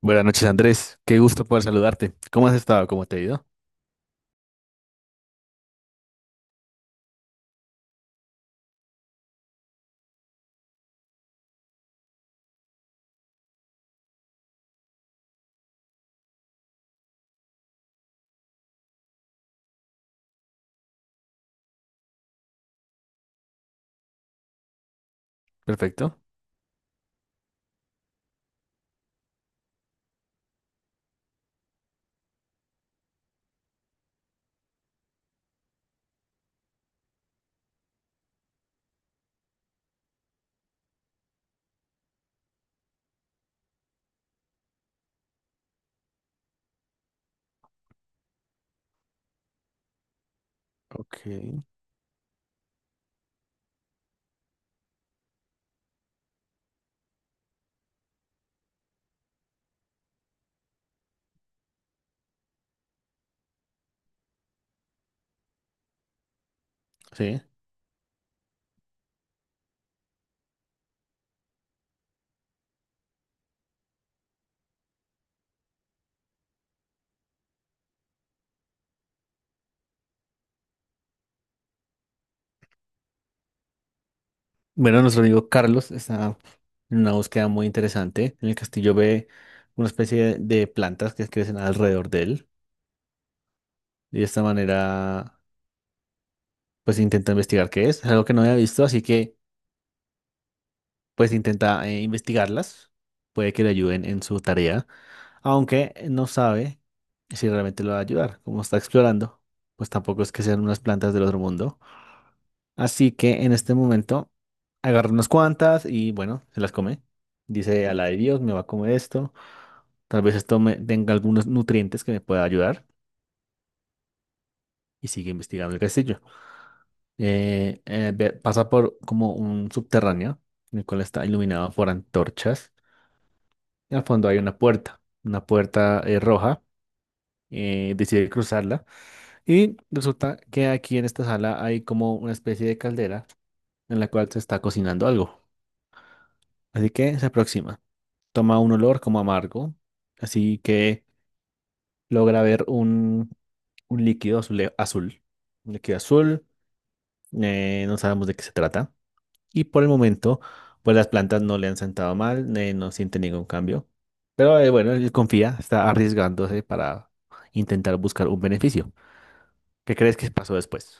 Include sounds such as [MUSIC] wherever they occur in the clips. Buenas noches, Andrés. Qué gusto poder saludarte. ¿Cómo has estado? ¿Cómo te ha ido? Perfecto. Ok. Sí. Bueno, nuestro amigo Carlos está en una búsqueda muy interesante. En el castillo ve una especie de plantas que crecen alrededor de él. Y de esta manera, pues intenta investigar qué es. Es algo que no había visto, así que pues intenta investigarlas. Puede que le ayuden en su tarea, aunque no sabe si realmente lo va a ayudar. Como está explorando, pues tampoco es que sean unas plantas del otro mundo. Así que en este momento agarra unas cuantas y, bueno, se las come. Dice a la de Dios, me va a comer esto. Tal vez esto me tenga algunos nutrientes que me pueda ayudar. Y sigue investigando el castillo. Pasa por como un subterráneo, en el cual está iluminado por antorchas. Y al fondo hay una puerta roja. Decide cruzarla. Y resulta que aquí en esta sala hay como una especie de caldera en la cual se está cocinando algo. Así que se aproxima, toma un olor como amargo, así que logra ver un azul. Un líquido azul, no sabemos de qué se trata. Y por el momento, pues las plantas no le han sentado mal, no siente ningún cambio. Pero bueno, él confía, está arriesgándose para intentar buscar un beneficio. ¿Qué crees que pasó después?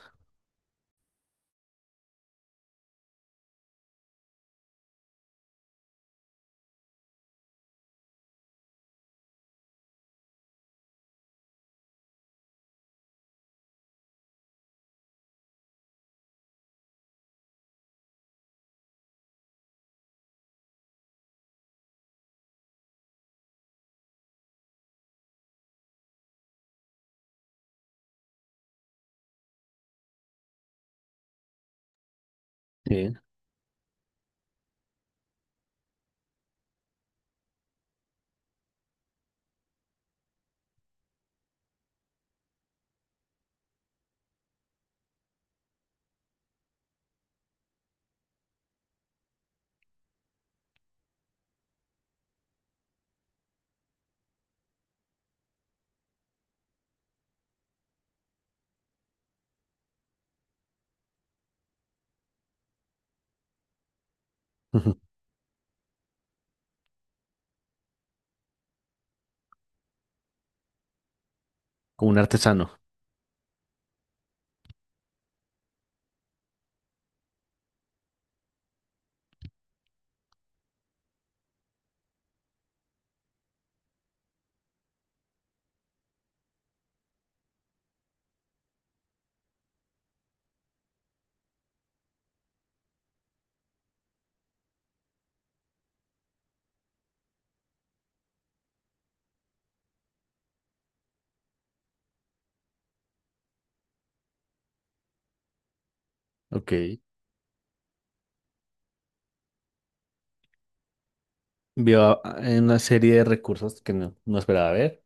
Sí. [LAUGHS] Como un artesano. Ok. Vio en una serie de recursos que no esperaba ver.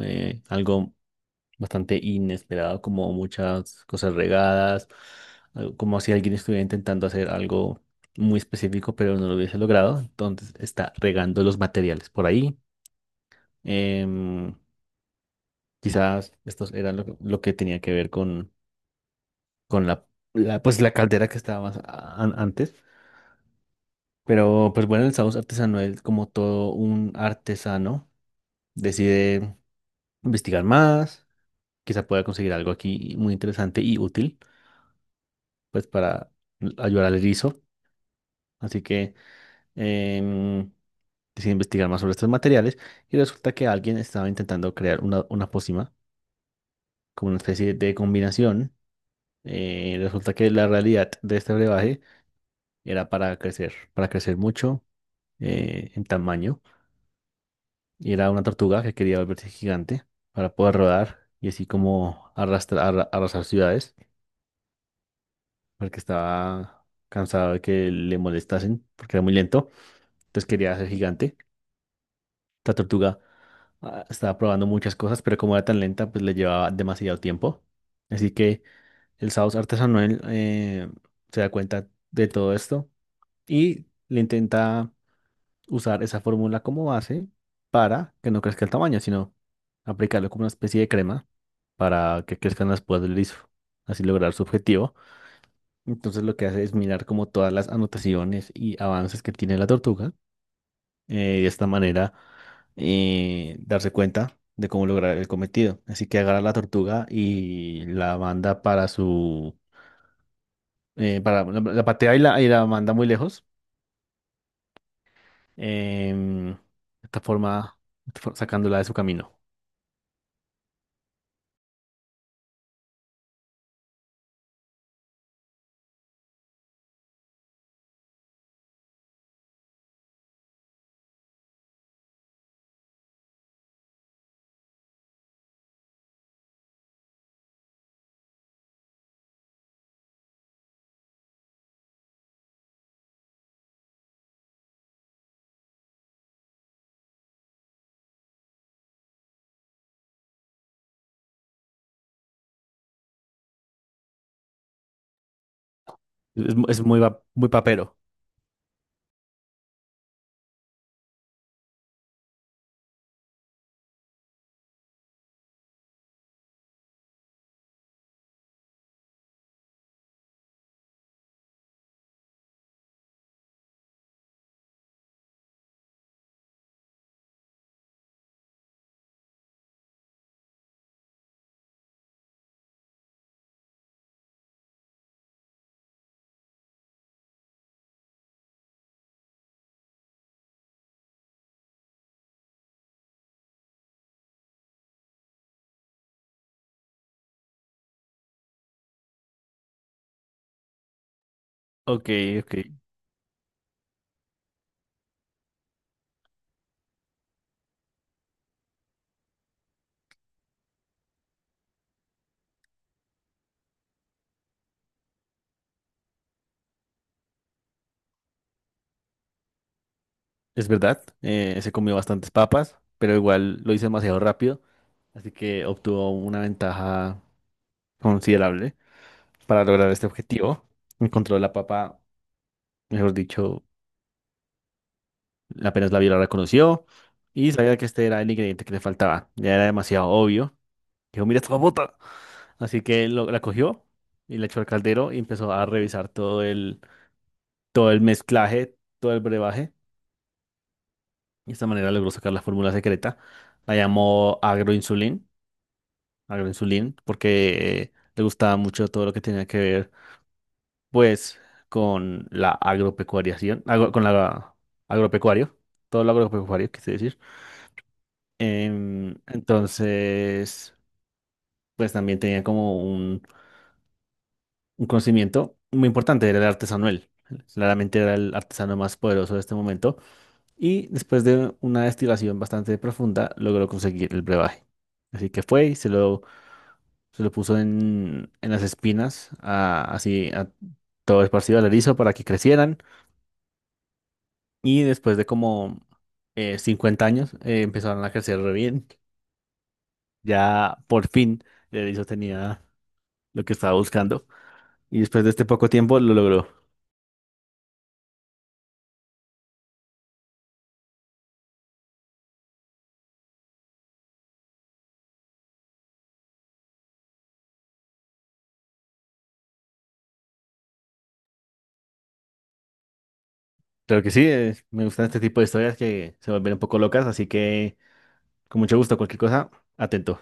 Eh, algo bastante inesperado, como muchas cosas regadas, como si alguien estuviera intentando hacer algo muy específico, pero no lo hubiese logrado. Entonces está regando los materiales por ahí. Em, Quizás estos eran lo que tenía que ver con pues, la caldera que estaba más antes. Pero pues bueno, el Saus artesano es como todo un artesano, decide investigar más, quizá pueda conseguir algo aquí muy interesante y útil, pues para ayudar al erizo. Así que em, decidí investigar más sobre estos materiales y resulta que alguien estaba intentando crear una pócima, como una especie de combinación. Resulta que la realidad de este brebaje era para crecer mucho en tamaño, y era una tortuga que quería volverse gigante para poder rodar y así como arrastrar, arrasar ciudades porque estaba cansado de que le molestasen porque era muy lento, entonces quería ser gigante. La tortuga, ah, estaba probando muchas cosas, pero como era tan lenta, pues le llevaba demasiado tiempo. Así que el Saus artesanal, se da cuenta de todo esto y le intenta usar esa fórmula como base para que no crezca el tamaño, sino aplicarlo como una especie de crema para que crezcan las púas del liso, así lograr su objetivo. Entonces lo que hace es mirar como todas las anotaciones y avances que tiene la tortuga, de esta manera darse cuenta de cómo lograr el cometido. Así que agarra la tortuga y la manda para su... para, la patea y y la manda muy lejos. De esta forma, sacándola de su camino. Es muy papero. Ok, ok. Es verdad, se comió bastantes papas, pero igual lo hizo demasiado rápido, así que obtuvo una ventaja considerable para lograr este objetivo. Encontró la papa. Mejor dicho, apenas la vio, la reconoció y sabía que este era el ingrediente que le faltaba. Ya era demasiado obvio. Dijo, mira esta papota. Así que la cogió y la echó al caldero y empezó a revisar todo el mezclaje, todo el brebaje. De esta manera logró sacar la fórmula secreta. La llamó agroinsulín, agroinsulín, porque le gustaba mucho todo lo que tenía que ver, pues, con la agropecuariación, con la agropecuario, todo lo agropecuario, quise decir. Entonces, pues también tenía como un conocimiento muy importante, era el artesano él. Claramente era el artesano más poderoso de este momento. Y después de una destilación bastante profunda, logró conseguir el brebaje. Así que fue y se lo puso en las espinas, así a todo esparcido al erizo para que crecieran. Y después de como 50 años, empezaron a crecer re bien. Ya por fin el erizo tenía lo que estaba buscando. Y después de este poco tiempo lo logró. Claro que sí, me gustan este tipo de historias que se vuelven un poco locas, así que con mucho gusto, cualquier cosa, atento.